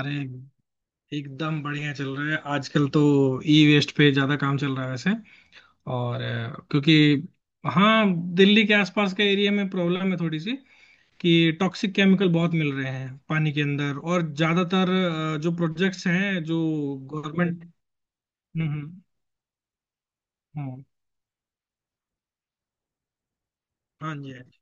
अरे! एकदम बढ़िया चल रहा है आजकल तो। ई वेस्ट पे ज्यादा काम चल रहा है वैसे। और क्योंकि हाँ, दिल्ली के आसपास के एरिया में प्रॉब्लम है थोड़ी सी, कि टॉक्सिक केमिकल बहुत मिल रहे हैं पानी के अंदर और ज्यादातर जो प्रोजेक्ट्स हैं, जो गवर्नमेंट। हम्म, हम्म, हम्म। हाँ जी, हाँ जी।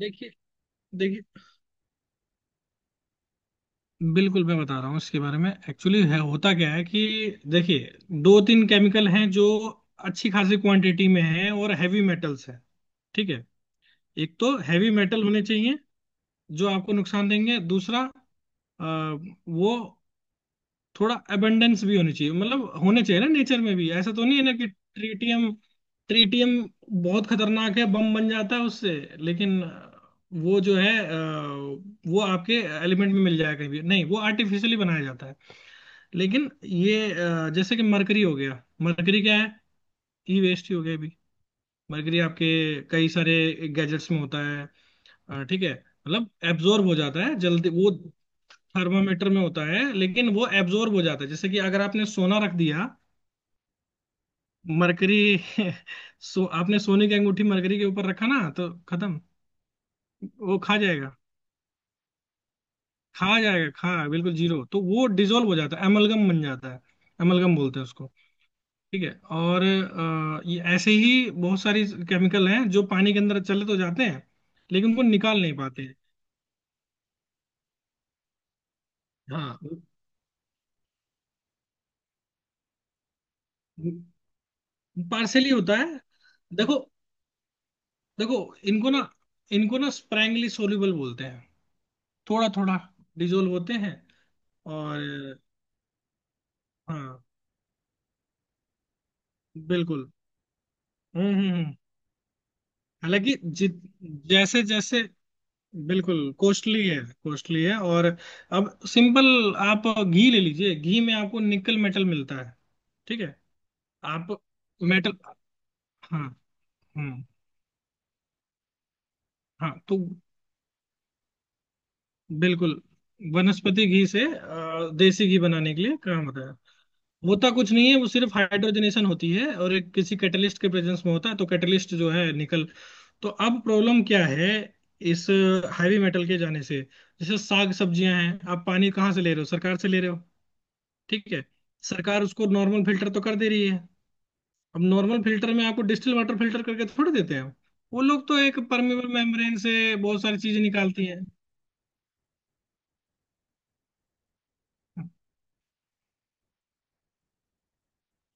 देखिए, देखिए, बिल्कुल मैं बता रहा हूँ इसके बारे में, एक्चुअली है होता क्या है कि, देखिए, दो तीन केमिकल हैं जो अच्छी खासी क्वांटिटी में हैं और हैवी मेटल्स हैं। ठीक है। एक तो हैवी मेटल होने चाहिए जो आपको नुकसान देंगे। दूसरा अ, वो थोड़ा अबंडेंस भी होनी चाहिए, मतलब होने चाहिए ना नेचर में भी, ऐसा तो नहीं है ना कि ट्रीटियम। ट्रीटियम बहुत खतरनाक है, बम बन जाता है उससे। लेकिन वो जो है वो आपके एलिमेंट में मिल जाएगा कहीं भी नहीं, वो आर्टिफिशियली बनाया जाता है। लेकिन ये जैसे कि मरकरी हो गया। मरकरी क्या है? ई वेस्ट ही हो गया अभी। मरकरी आपके कई सारे गैजेट्स में होता है। ठीक है, मतलब एब्जॉर्ब हो जाता है जल्दी वो। थर्मामीटर में होता है, लेकिन वो एब्जॉर्ब हो जाता है। जैसे कि अगर आपने सोना रख दिया मरकरी सो, आपने सोने की अंगूठी मरकरी के ऊपर रखा ना तो खत्म। वो खा जाएगा, खा जाएगा, खा बिल्कुल जीरो, तो वो डिजोल्व हो जाता है, एमलगम बन जाता है। एमलगम बोलते हैं उसको। ठीक है। और ये ऐसे ही बहुत सारी केमिकल हैं जो पानी के अंदर चले तो जाते हैं, लेकिन उनको निकाल नहीं पाते हैं। हाँ, पार्सली होता है। देखो, देखो, इनको ना इनको ना स्प्रैंगली सोल्यूबल बोलते हैं। थोड़ा थोड़ा डिजोल्व होते हैं। और हाँ, बिल्कुल। हम्म, हम्म, हालांकि जित जैसे जैसे बिल्कुल कॉस्टली है। कॉस्टली है। और अब सिंपल आप घी ले लीजिए, घी में आपको निकल मेटल मिलता है। ठीक है। आप मेटल। हाँ। हम्म। हाँ तो बिल्कुल वनस्पति घी से देसी घी बनाने के लिए काम होता है। होता कुछ नहीं है, वो सिर्फ हाइड्रोजनेशन होती है और एक किसी कैटलिस्ट के प्रेजेंस में होता है, तो कैटलिस्ट जो है, निकल। तो अब प्रॉब्लम क्या है इस हैवी मेटल के जाने से? जैसे साग सब्जियां हैं, आप पानी कहाँ से ले रहे हो? सरकार से ले रहे हो। ठीक है। सरकार उसको नॉर्मल फिल्टर तो कर दे रही है। अब नॉर्मल फिल्टर में आपको डिस्टिल वाटर फिल्टर करके थोड़ी देते हैं। वो लोग तो एक परमेबल मेम्ब्रेन से बहुत सारी चीजें निकालती हैं।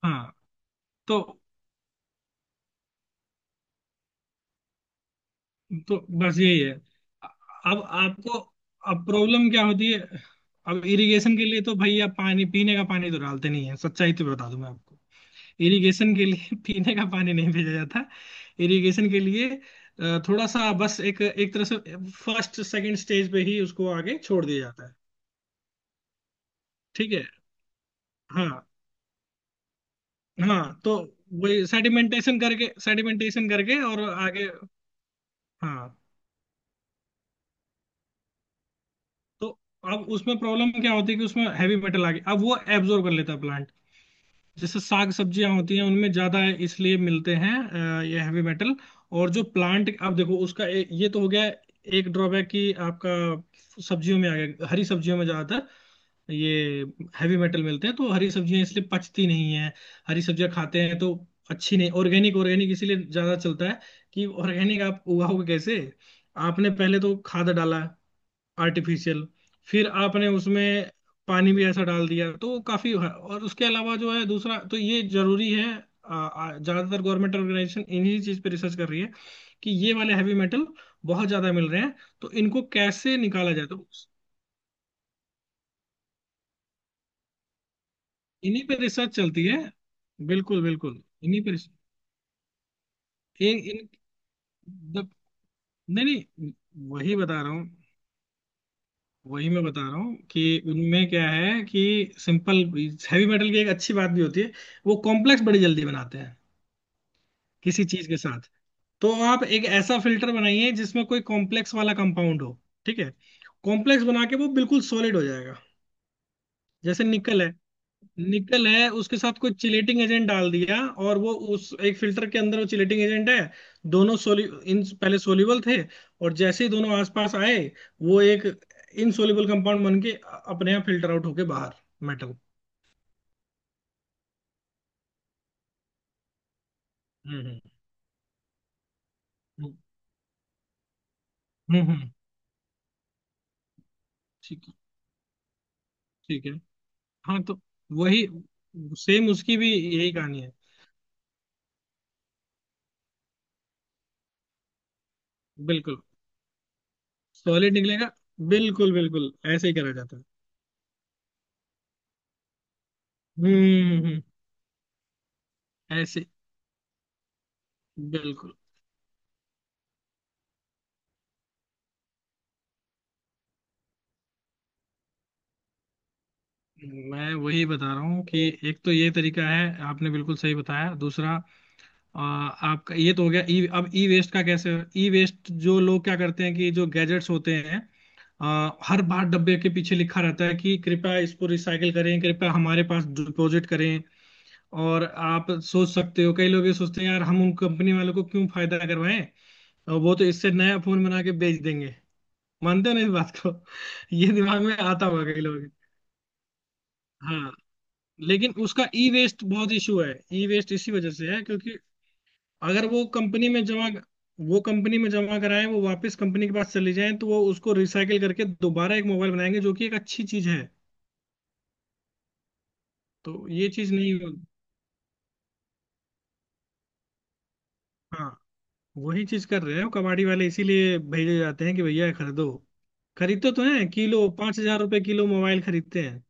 हाँ तो तो बस यही है। अब आपको अब प्रॉब्लम क्या होती है? अब इरिगेशन के लिए तो भैया पानी, पीने का पानी तो डालते नहीं है। सच्चाई तो बता दूं मैं आपको, इरिगेशन के लिए पीने का पानी नहीं भेजा जाता। इरिगेशन के लिए थोड़ा सा बस एक एक तरह से फर्स्ट सेकंड स्टेज पे ही उसको आगे छोड़ दिया जाता है। ठीक है। हाँ हाँ तो वही सेडिमेंटेशन करके और आगे। हाँ तो अब उसमें प्रॉब्लम क्या होती है कि उसमें हैवी मेटल आ गया, अब वो एब्जॉर्ब कर लेता है। जैसे साग सब्जियां होती हैं, उनमें ज्यादा इसलिए मिलते हैं ये हैवी मेटल। और जो प्लांट आप देखो उसका ए, ये तो हो गया एक ड्रॉबैक कि आपका सब्जियों में आ गया। हरी सब्जियों में ज्यादातर ये हैवी मेटल मिलते हैं, तो हरी सब्जियां इसलिए पचती नहीं है। हरी सब्जियां खाते हैं तो अच्छी नहीं। ऑर्गेनिक, ऑर्गेनिक इसीलिए ज्यादा चलता है कि ऑर्गेनिक आप उगाओगे कैसे? आपने पहले तो खाद डाला आर्टिफिशियल, फिर आपने उसमें पानी भी ऐसा डाल दिया, तो वो काफी है। और उसके अलावा जो है दूसरा, तो ये जरूरी है। आ, आ, ज्यादातर गवर्नमेंट ऑर्गेनाइजेशन इन्हीं चीज पे रिसर्च कर रही है कि ये वाले हैवी मेटल बहुत ज्यादा मिल रहे हैं, तो इनको कैसे निकाला जाए। तो इन्हीं पे रिसर्च चलती है। बिल्कुल, बिल्कुल इन, इन, जब- नहीं नहीं, वही बता रहा हूँ। वही मैं बता रहा हूँ कि उनमें क्या है कि सिंपल, हैवी मेटल की एक अच्छी बात भी होती है, वो कॉम्प्लेक्स बड़ी जल्दी बनाते हैं किसी चीज के साथ। तो आप एक ऐसा फिल्टर बनाइए जिसमें कोई कॉम्प्लेक्स वाला कंपाउंड हो। ठीक है। कॉम्प्लेक्स बना के वो बिल्कुल सॉलिड हो जाएगा। जैसे निकल है, निकल है, उसके साथ कोई चिलेटिंग एजेंट डाल दिया, और वो उस एक फिल्टर के अंदर वो चिलेटिंग एजेंट है। दोनों सोलि इन पहले सोल्यूबल थे, और जैसे ही दोनों आसपास आए वो एक इनसोल्यूबल कंपाउंड बन के अपने आप फिल्टर आउट होके बाहर। मेटल। हम्म, हम्म, हम्म, हम्म। ठीक है, ठीक है। हाँ तो वही, सेम उसकी भी यही कहानी है। बिल्कुल, सॉलिड निकलेगा, बिल्कुल बिल्कुल ऐसे ही करा जाता है। हम्म, हम्म। ऐसे, बिल्कुल। मैं वही बता रहा हूँ कि एक तो ये तरीका है, आपने बिल्कुल सही बताया। दूसरा आपका ये तो हो गया। ई, अब ई वेस्ट का कैसे? ई वेस्ट जो लोग क्या करते हैं कि जो गैजेट्स होते हैं, हर बार डब्बे के पीछे लिखा रहता है कि कृपया इसको रिसाइकिल करें, कृपया हमारे पास डिपॉजिट करें। और आप सोच सकते हो, कई लोग ये सोचते हैं यार हम उन कंपनी वालों को क्यों फायदा करवाएं, और वो तो इससे नया फोन बना के बेच देंगे। मानते हो ना इस बात को? ये दिमाग में आता होगा कई लोग। हाँ, लेकिन उसका ई वेस्ट बहुत इशू है। ई वेस्ट इसी वजह से है क्योंकि अगर वो कंपनी में जमा कराएं, वो वापस कंपनी के पास चली जाएं, तो वो उसको रिसाइकिल करके दोबारा एक मोबाइल बनाएंगे, जो कि एक अच्छी चीज है। तो ये चीज नहीं हाँ, वही चीज कर रहे हैं वो कबाड़ी वाले, इसीलिए भेजे जाते हैं कि भैया ये खरीदो। खरीदते तो हैं, किलो पांच हजार रुपए किलो मोबाइल खरीदते हैं।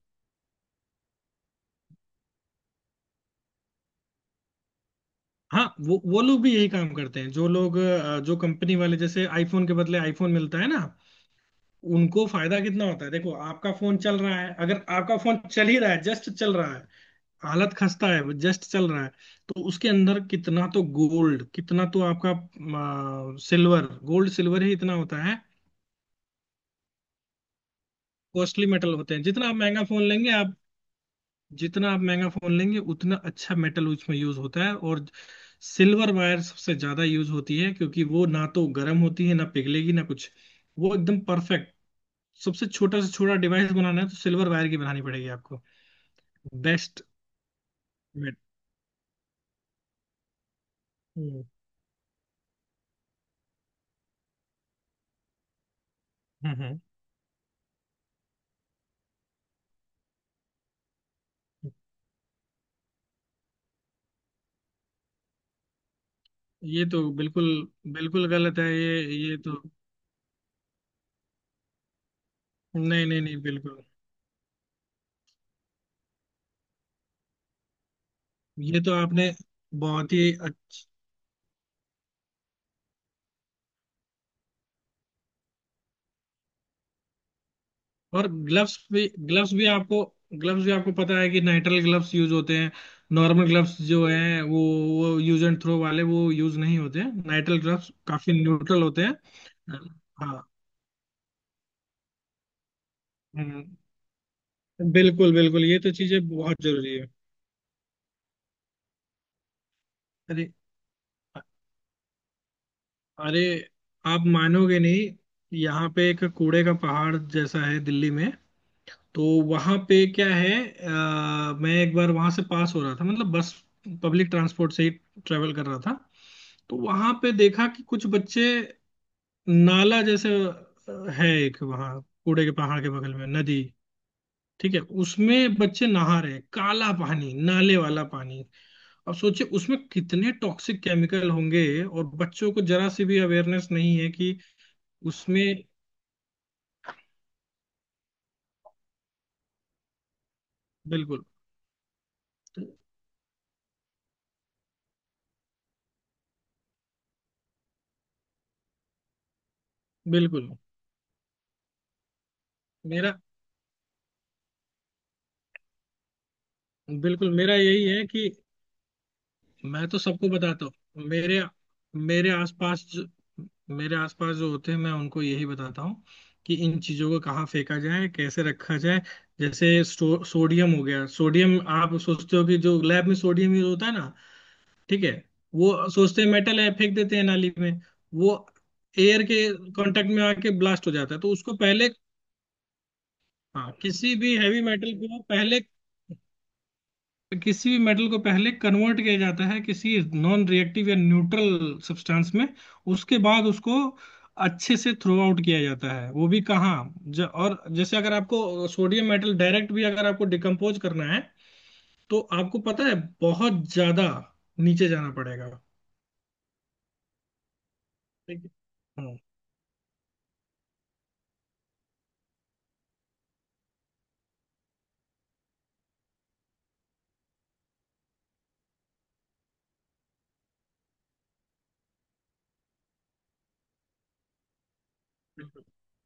हाँ, वो लोग भी यही काम करते हैं। जो लोग जो कंपनी वाले, जैसे आईफोन के बदले आईफोन मिलता है ना, उनको फायदा कितना होता है देखो। आपका फोन चल रहा है, अगर आपका फोन चल ही रहा है, जस्ट चल रहा है, हालत खस्ता है वो जस्ट चल रहा है, तो उसके अंदर कितना तो गोल्ड, कितना तो आपका सिल्वर। गोल्ड सिल्वर ही इतना होता है। कॉस्टली मेटल होते हैं। जितना आप महंगा फोन लेंगे आप, जितना आप महंगा फोन लेंगे उतना अच्छा मेटल उसमें यूज होता है। और सिल्वर वायर सबसे ज्यादा यूज होती है क्योंकि वो ना तो गर्म होती है, ना पिघलेगी, ना कुछ। वो एकदम परफेक्ट। सबसे छोटा से छोटा डिवाइस बनाना है तो सिल्वर वायर की बनानी पड़ेगी आपको। बेस्ट। वेट। हम्म, हम्म, हम्म। ये तो बिल्कुल, बिल्कुल गलत है ये। ये तो नहीं, नहीं, नहीं, बिल्कुल। ये तो आपने बहुत ही और ग्लव्स भी, ग्लव्स भी आपको, ग्लव्स भी आपको पता है कि नाइट्रिल ग्लव्स यूज होते हैं। नॉर्मल ग्लव्स जो हैं वो यूज एंड थ्रो वाले वो यूज नहीं होते हैं, नाइट्रिल ग्लव्स काफी न्यूट्रल होते हैं। हाँ। हम्म। बिल्कुल, बिल्कुल, ये तो चीजें बहुत जरूरी है। अरे, अरे, आप मानोगे नहीं, यहाँ पे एक कूड़े का पहाड़ जैसा है दिल्ली में। तो वहाँ पे क्या है मैं एक बार वहाँ से पास हो रहा था, मतलब बस पब्लिक ट्रांसपोर्ट से ही ट्रेवल कर रहा था, तो वहाँ पे देखा कि कुछ बच्चे नाला जैसे है एक वहाँ कूड़े के पहाड़ के बगल में नदी। ठीक है, उसमें बच्चे नहा रहे हैं। काला पानी, नाले वाला पानी। अब सोचिए उसमें कितने टॉक्सिक केमिकल होंगे, और बच्चों को जरा सी भी अवेयरनेस नहीं है कि उसमें। बिल्कुल, बिल्कुल। मेरा मेरा यही है कि मैं तो सबको बताता हूँ। मेरे मेरे आसपास जो, मेरे आसपास जो होते हैं मैं उनको यही बताता हूँ कि इन चीजों को कहाँ फेंका जाए, कैसे रखा जाए। जैसे सोडियम हो गया। सोडियम, आप सोचते हो कि जो लैब में सोडियम यूज होता है ना? ठीक है। वो सोचते हैं मेटल है, फेंक देते हैं नाली में। वो एयर के कांटेक्ट में आके ब्लास्ट हो जाता है, तो उसको पहले, हाँ, किसी भी हैवी मेटल को पहले, किसी भी मेटल को पहले कन्वर्ट किया जाता है किसी नॉन रिएक्टिव या न्यूट्रल सब्सटेंस में। उसके बाद उसको अच्छे से थ्रो आउट किया जाता है। वो भी कहाँ और जैसे अगर आपको सोडियम मेटल डायरेक्ट भी अगर आपको डिकम्पोज करना है, तो आपको पता है बहुत ज्यादा नीचे जाना पड़ेगा। ठीक है। हम्म।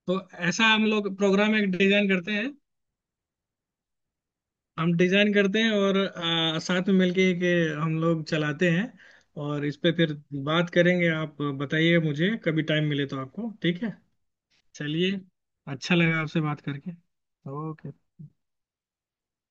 तो ऐसा हम लोग प्रोग्राम एक डिजाइन करते हैं। हम डिजाइन करते हैं और साथ में मिलके के हम लोग चलाते हैं। और इस पे फिर बात करेंगे, आप बताइए मुझे कभी टाइम मिले तो आपको, ठीक है? चलिए, अच्छा लगा आपसे बात करके। ओके।